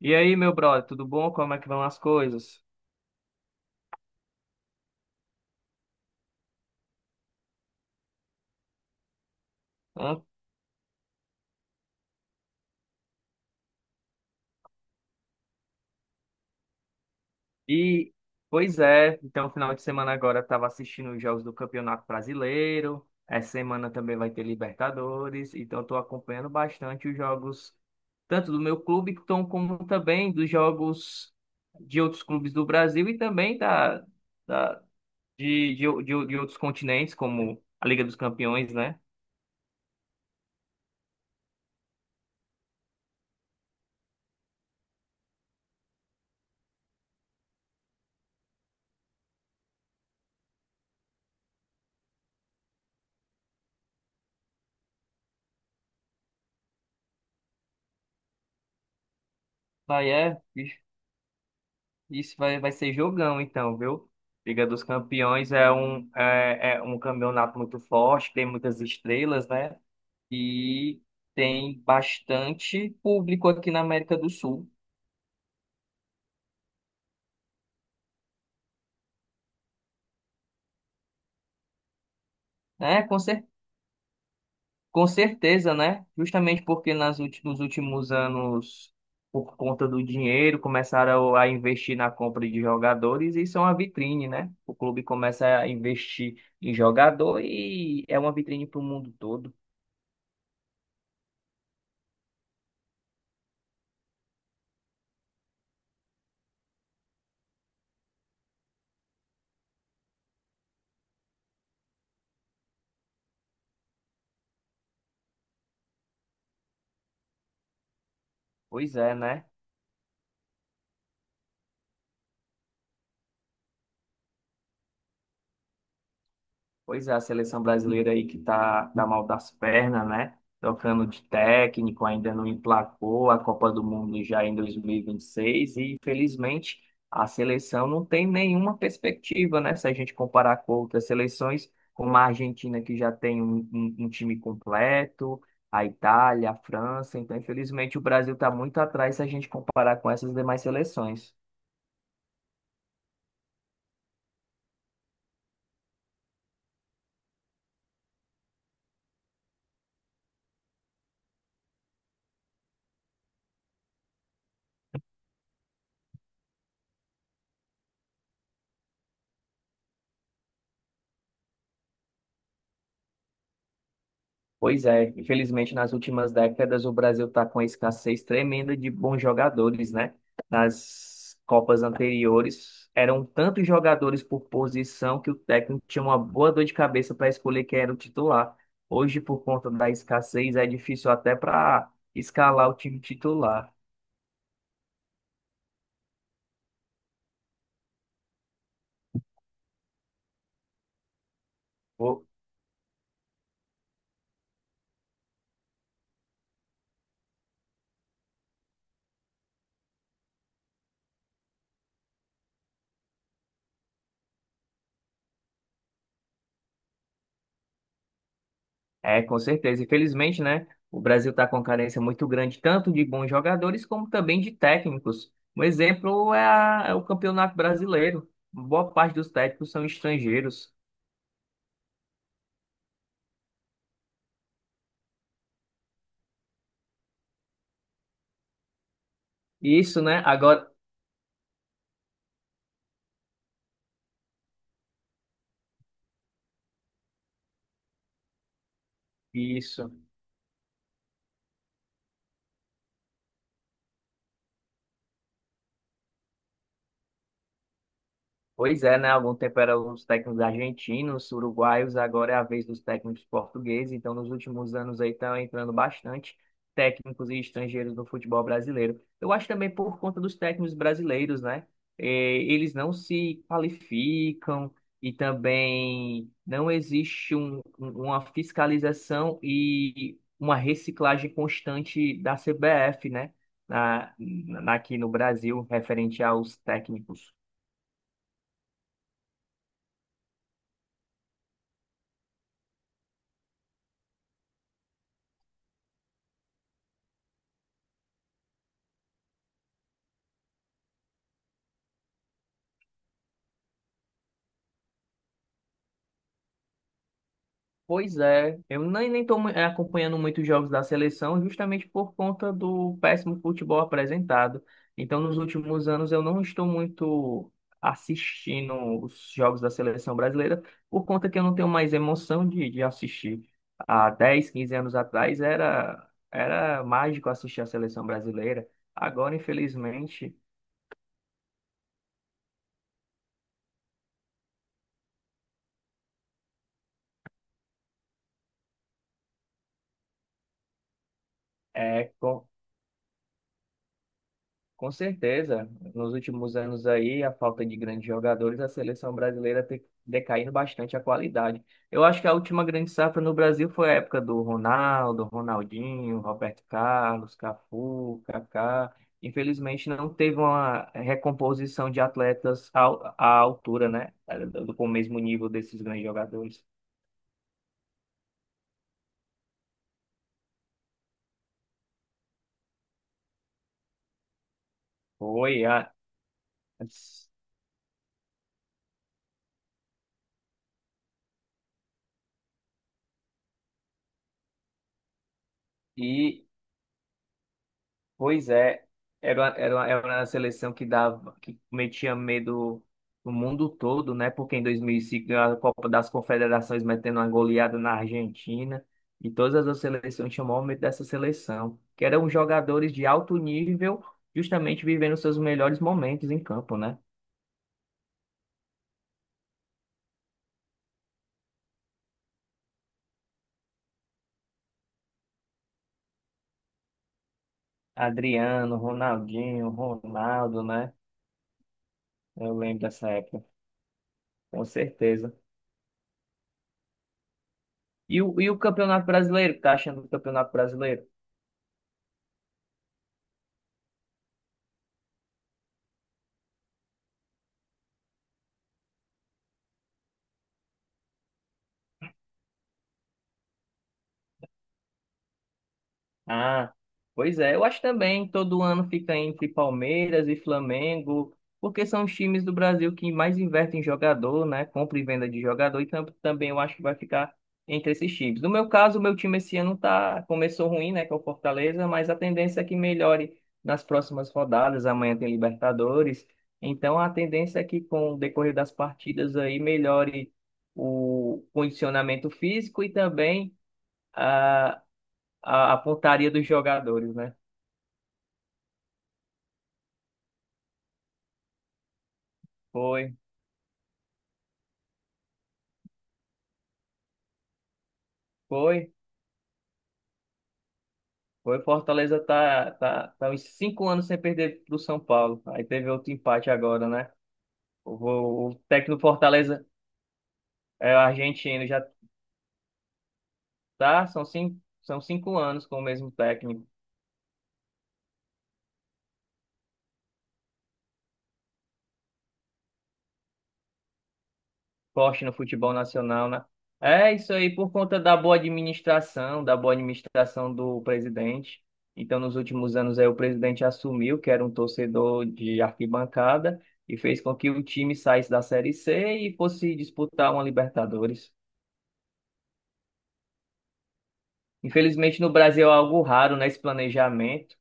E aí, meu brother, tudo bom? Como é que vão as coisas? Hã? E, pois é, então, final de semana agora eu estava assistindo os jogos do Campeonato Brasileiro. Essa semana também vai ter Libertadores. Então, estou acompanhando bastante os jogos, tanto do meu clube, então, como também dos jogos de outros clubes do Brasil e também da, de, de de outros continentes, como a Liga dos Campeões, né? Daí é, Isso vai ser jogão, então, viu? Liga dos Campeões é é um campeonato muito forte, tem muitas estrelas, né? E tem bastante público aqui na América do Sul, né? Com certeza, né? Justamente porque nos últimos anos, por conta do dinheiro, começaram a investir na compra de jogadores e isso é uma vitrine, né? O clube começa a investir em jogador e é uma vitrine para o mundo todo. Pois é, né? Pois é, a seleção brasileira aí que tá mal das pernas, né? Trocando de técnico, ainda não emplacou a Copa do Mundo já em 2026 e, vinte e seis e, infelizmente, a seleção não tem nenhuma perspectiva, né? Se a gente comparar com outras seleções, como a Argentina que já tem um time completo, a Itália, a França. Então, infelizmente, o Brasil está muito atrás se a gente comparar com essas demais seleções. Pois é, infelizmente nas últimas décadas o Brasil está com uma escassez tremenda de bons jogadores, né? Nas Copas anteriores eram tantos jogadores por posição que o técnico tinha uma boa dor de cabeça para escolher quem era o titular. Hoje, por conta da escassez, é difícil até para escalar o time titular. É, com certeza. Infelizmente, né? O Brasil está com uma carência muito grande, tanto de bons jogadores como também de técnicos. Um exemplo é, é o Campeonato Brasileiro. Boa parte dos técnicos são estrangeiros. Isso, né? Agora, isso. Pois é, né? Há algum tempo eram os técnicos argentinos, uruguaios, agora é a vez dos técnicos portugueses. Então, nos últimos anos aí estão entrando bastante técnicos e estrangeiros no futebol brasileiro. Eu acho também por conta dos técnicos brasileiros, né? Eles não se qualificam e também não existe uma fiscalização e uma reciclagem constante da CBF, né? Aqui no Brasil, referente aos técnicos. Pois é, eu nem estou acompanhando muitos jogos da seleção justamente por conta do péssimo futebol apresentado. Então, nos últimos anos, eu não estou muito assistindo os jogos da seleção brasileira por conta que eu não tenho mais emoção de assistir. Há 10 15 anos atrás era mágico assistir a seleção brasileira. Agora, infelizmente, é. Com certeza, nos últimos anos aí, a falta de grandes jogadores, a seleção brasileira tem decaído bastante a qualidade. Eu acho que a última grande safra no Brasil foi a época do Ronaldo, Ronaldinho, Roberto Carlos, Cafu, Kaká. Infelizmente, não teve uma recomposição de atletas à altura, né? Com o mesmo nível desses grandes jogadores. Foi a... E pois é, era uma seleção que dava, que metia medo no mundo todo, né? Porque em 2005 ganhou a Copa das Confederações metendo uma goleada na Argentina e todas as outras seleções chamou medo dessa seleção, que eram jogadores de alto nível, justamente vivendo seus melhores momentos em campo, né? Adriano, Ronaldinho, Ronaldo, né? Eu lembro dessa época, com certeza. E o Campeonato Brasileiro, tá achando do Campeonato Brasileiro? Ah, pois é. Eu acho também que todo ano fica entre Palmeiras e Flamengo, porque são os times do Brasil que mais investem em jogador, né? Compra e venda de jogador, e também eu acho que vai ficar entre esses times. No meu caso, o meu time esse ano tá, começou ruim, né? Que é o Fortaleza, mas a tendência é que melhore nas próximas rodadas. Amanhã tem Libertadores. Então a tendência é que com o decorrer das partidas aí melhore o condicionamento físico e também a pontaria dos jogadores, né? Foi, foi, Foi. Fortaleza tá uns cinco anos sem perder pro São Paulo. Aí teve outro empate agora, né? O técnico do Fortaleza é o argentino, já tá, são cinco anos com o mesmo técnico. Esporte no futebol nacional, né? É isso aí, por conta da boa administração do presidente. Então, nos últimos anos, aí, o presidente assumiu que era um torcedor de arquibancada e fez com que o time saísse da Série C e fosse disputar uma Libertadores. Infelizmente, no Brasil é algo raro, né, esse planejamento.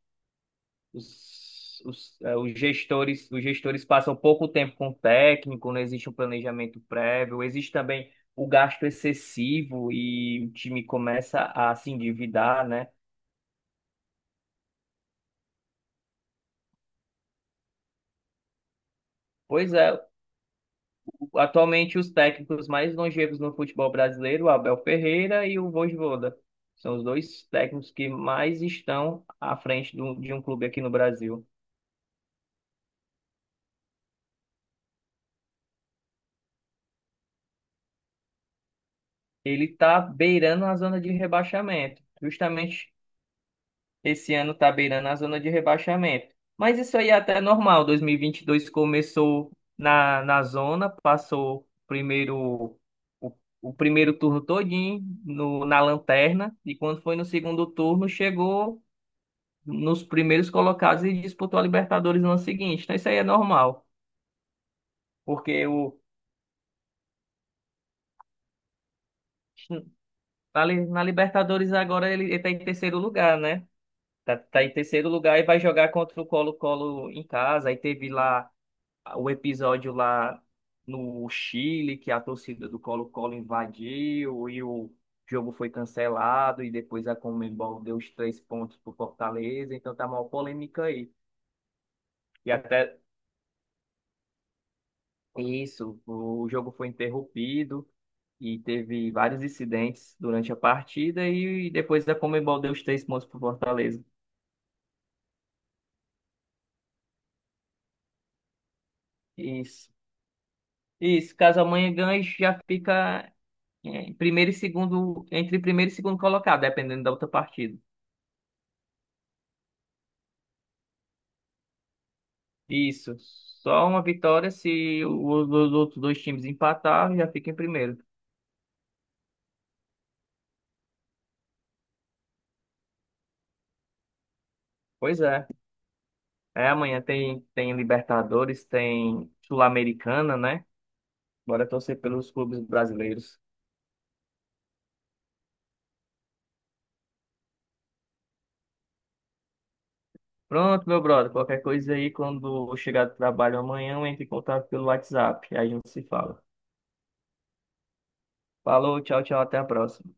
Os gestores passam pouco tempo com o técnico, não existe um planejamento prévio, existe também o gasto excessivo e o time começa a se endividar, né? Pois é, atualmente os técnicos mais longevos no futebol brasileiro, o Abel Ferreira e o Vojvoda, são os dois técnicos que mais estão à frente de um clube aqui no Brasil. Ele está beirando a zona de rebaixamento, justamente esse ano tá beirando a zona de rebaixamento. Mas isso aí é até normal. 2022 começou na zona, passou primeiro o, o primeiro turno todinho no, na lanterna e quando foi no segundo turno chegou nos primeiros colocados e disputou a Libertadores no ano seguinte. Então isso aí é normal, porque o na Libertadores agora ele tá em terceiro lugar, né? Tá em terceiro lugar e vai jogar contra o Colo-Colo em casa. Aí teve lá o episódio lá no Chile, que a torcida do Colo-Colo invadiu e o jogo foi cancelado, e depois a Conmebol deu os três pontos para o Fortaleza, então tá uma polêmica aí. E até isso, o jogo foi interrompido e teve vários incidentes durante a partida, e depois a Conmebol deu os três pontos para o Fortaleza. Isso. Isso, caso amanhã ganhe, já fica em primeiro e segundo, entre primeiro e segundo colocado, dependendo da outra partida. Isso. Só uma vitória se os outros dois times empatarem, já fica em primeiro. Pois é. É, amanhã tem Libertadores, tem Sul-Americana, né? Bora torcer pelos clubes brasileiros. Pronto, meu brother. Qualquer coisa aí, quando eu chegar do trabalho amanhã, eu entro em contato pelo WhatsApp. Aí a gente se fala. Falou, tchau, tchau, até a próxima.